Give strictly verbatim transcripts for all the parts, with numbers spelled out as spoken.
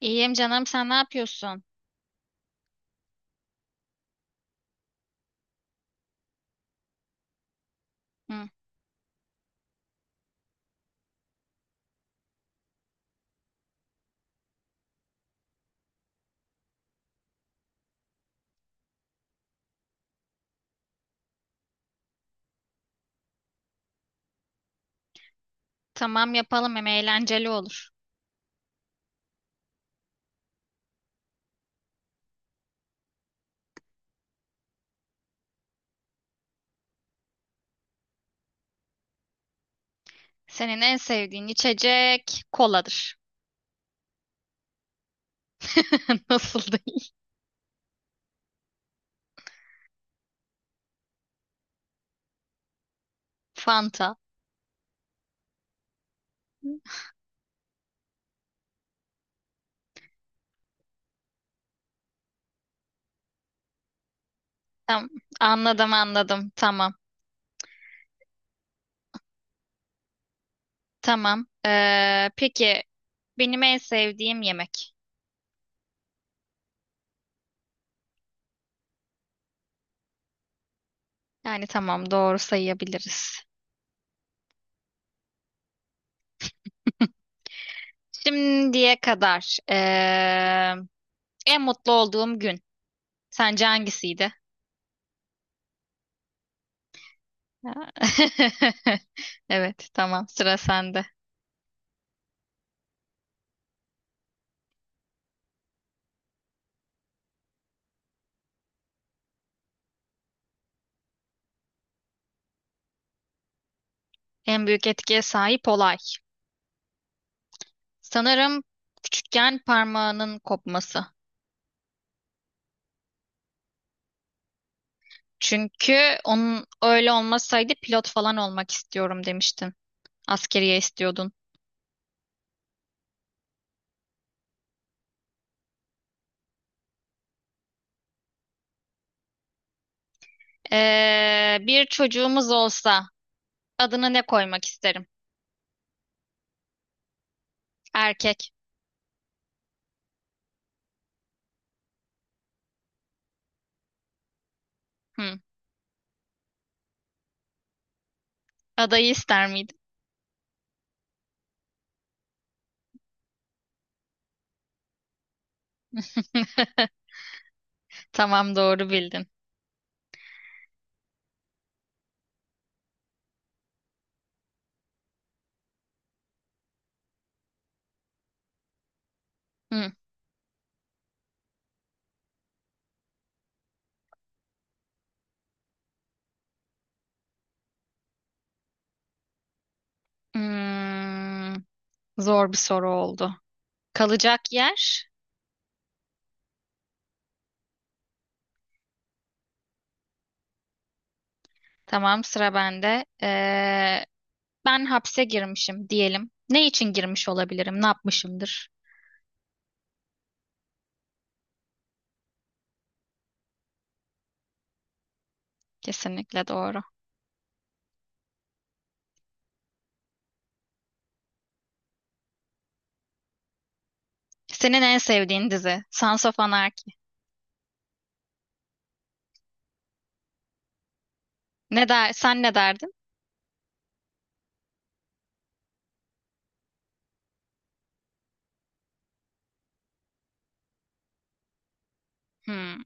İyiyim canım, sen ne yapıyorsun? Hı, tamam yapalım, hem eğlenceli olur. Senin en sevdiğin içecek koladır. Nasıl değil? Fanta. Tamam anladım anladım tamam. Tamam. Ee, peki benim en sevdiğim yemek. Yani tamam, doğru sayabiliriz. Şimdiye kadar ee, en mutlu olduğum gün. Sence hangisiydi? Evet, tamam, sıra sende. En büyük etkiye sahip olay. Sanırım küçükken parmağının kopması. Çünkü onun öyle olmasaydı pilot falan olmak istiyorum demiştin. Askeriye istiyordun. Ee, bir çocuğumuz olsa adını ne koymak isterim? Erkek. Hı. Adayı ister miydin? Tamam, doğru bildin. Hı. Hmm, zor bir soru oldu. Kalacak yer. Tamam, sıra bende. Ee, ben hapse girmişim diyelim. Ne için girmiş olabilirim? Ne yapmışımdır? Kesinlikle doğru. Senin en sevdiğin dizi Sons of Anarchy. Ne der, sen ne derdin? Hmm.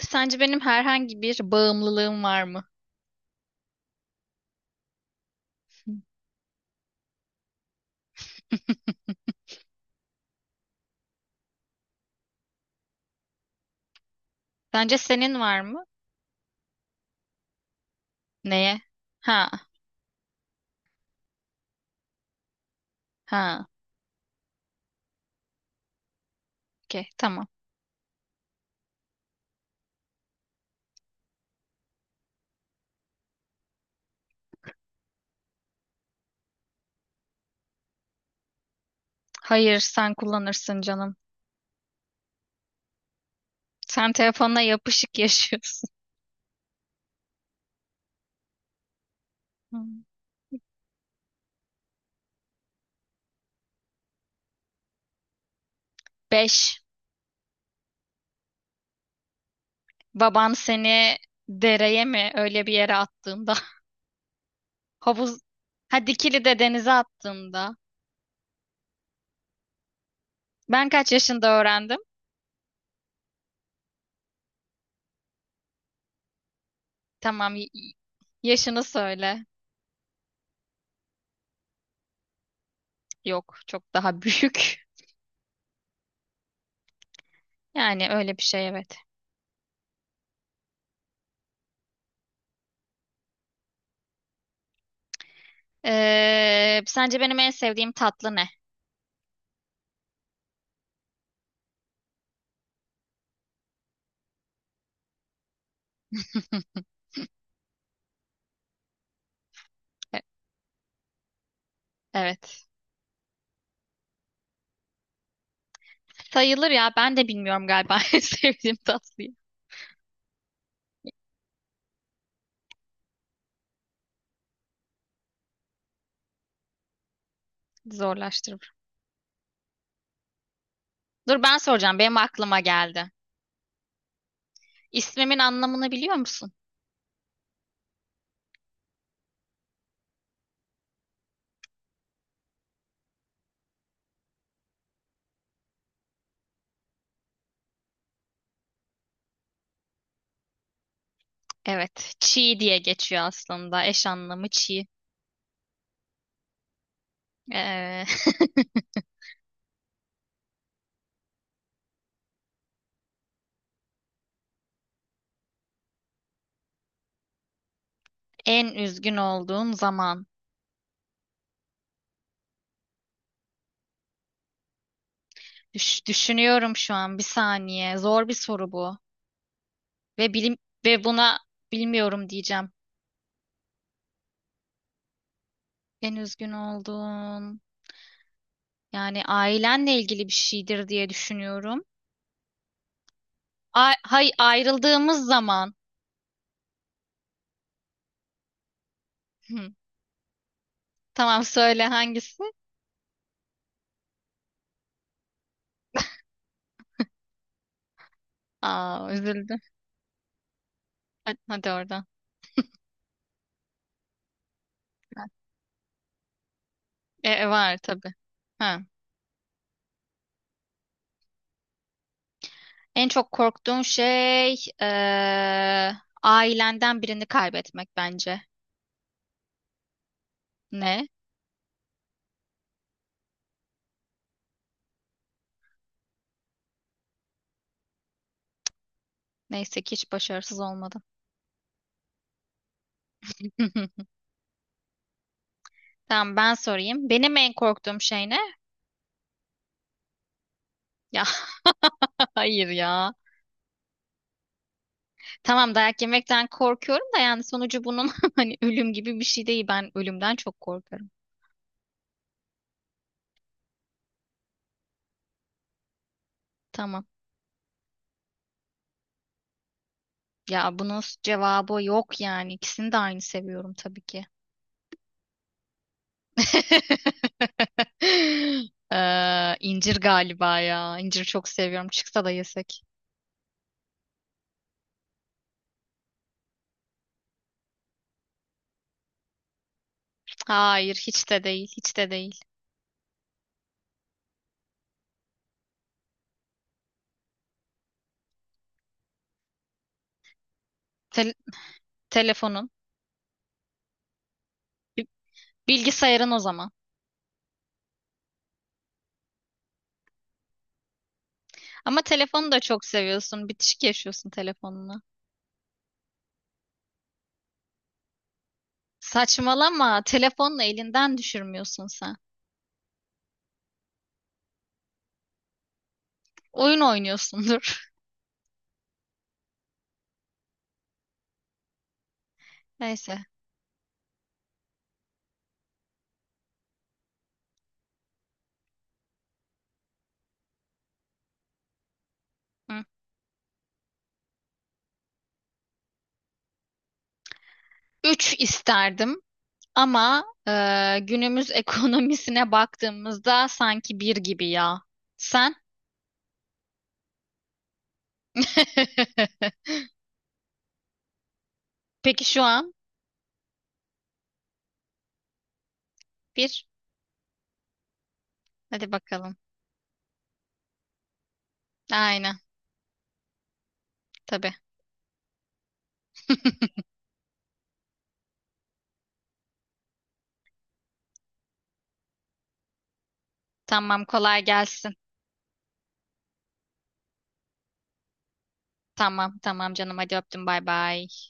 Sence benim herhangi bir bağımlılığım var mı? Sence senin var mı? Neye? Ha, ha. Okey, tamam. Hayır, sen kullanırsın canım. Sen telefonla yapışık yaşıyorsun. Hmm. Beş. Baban seni dereye mi öyle bir yere attığında. Havuz, ha dikili de denize attığında. Ben kaç yaşında öğrendim? Tamam, y- y- yaşını söyle. Yok, çok daha büyük. Yani öyle bir şey, evet. Ee, sence benim en sevdiğim tatlı ne? E- Evet. Sayılır ya. Ben de bilmiyorum galiba en sevdiğim tatlıyı. Zorlaştırır. Dur, ben soracağım. Benim aklıma geldi. İsmimin anlamını biliyor musun? Evet. Çiğ diye geçiyor aslında. Eş anlamı çiğ. Ee, En üzgün olduğun zaman. Düş- düşünüyorum şu an, bir saniye. Zor bir soru bu. Ve bilim ve buna bilmiyorum diyeceğim. En üzgün olduğun, yani ailenle ilgili bir şeydir diye düşünüyorum. Ay, hay ayrıldığımız zaman. Hı. Tamam, söyle hangisi? Aa, üzüldüm. Hadi, hadi oradan. E, e, var tabii. Ha. En çok korktuğun şey eee, ailenden birini kaybetmek bence. Ne? Neyse ki hiç başarısız olmadım. Tamam, ben sorayım. Benim en korktuğum şey ne? Ya, hayır ya. Tamam, dayak yemekten korkuyorum da yani sonucu bunun hani ölüm gibi bir şey değil. Ben ölümden çok korkarım. Tamam. Ya bunun cevabı yok yani. İkisini de aynı seviyorum tabii ki. Ee, incir galiba ya. İncir çok seviyorum. Çıksa da yesek. Hayır, hiç de değil, hiç de değil. Te- Telefonun. Bilgisayarın o zaman. Ama telefonu da çok seviyorsun. Bitişik yaşıyorsun telefonla. Saçmalama. Telefonla elinden düşürmüyorsun sen. Oyun oynuyorsundur. Neyse. Hı. Üç isterdim ama e, günümüz ekonomisine baktığımızda sanki bir gibi ya. Sen? Peki şu an bir. Hadi bakalım. Aynen. Tabii. Tamam, kolay gelsin. Tamam, tamam canım, hadi öptüm, bay bay.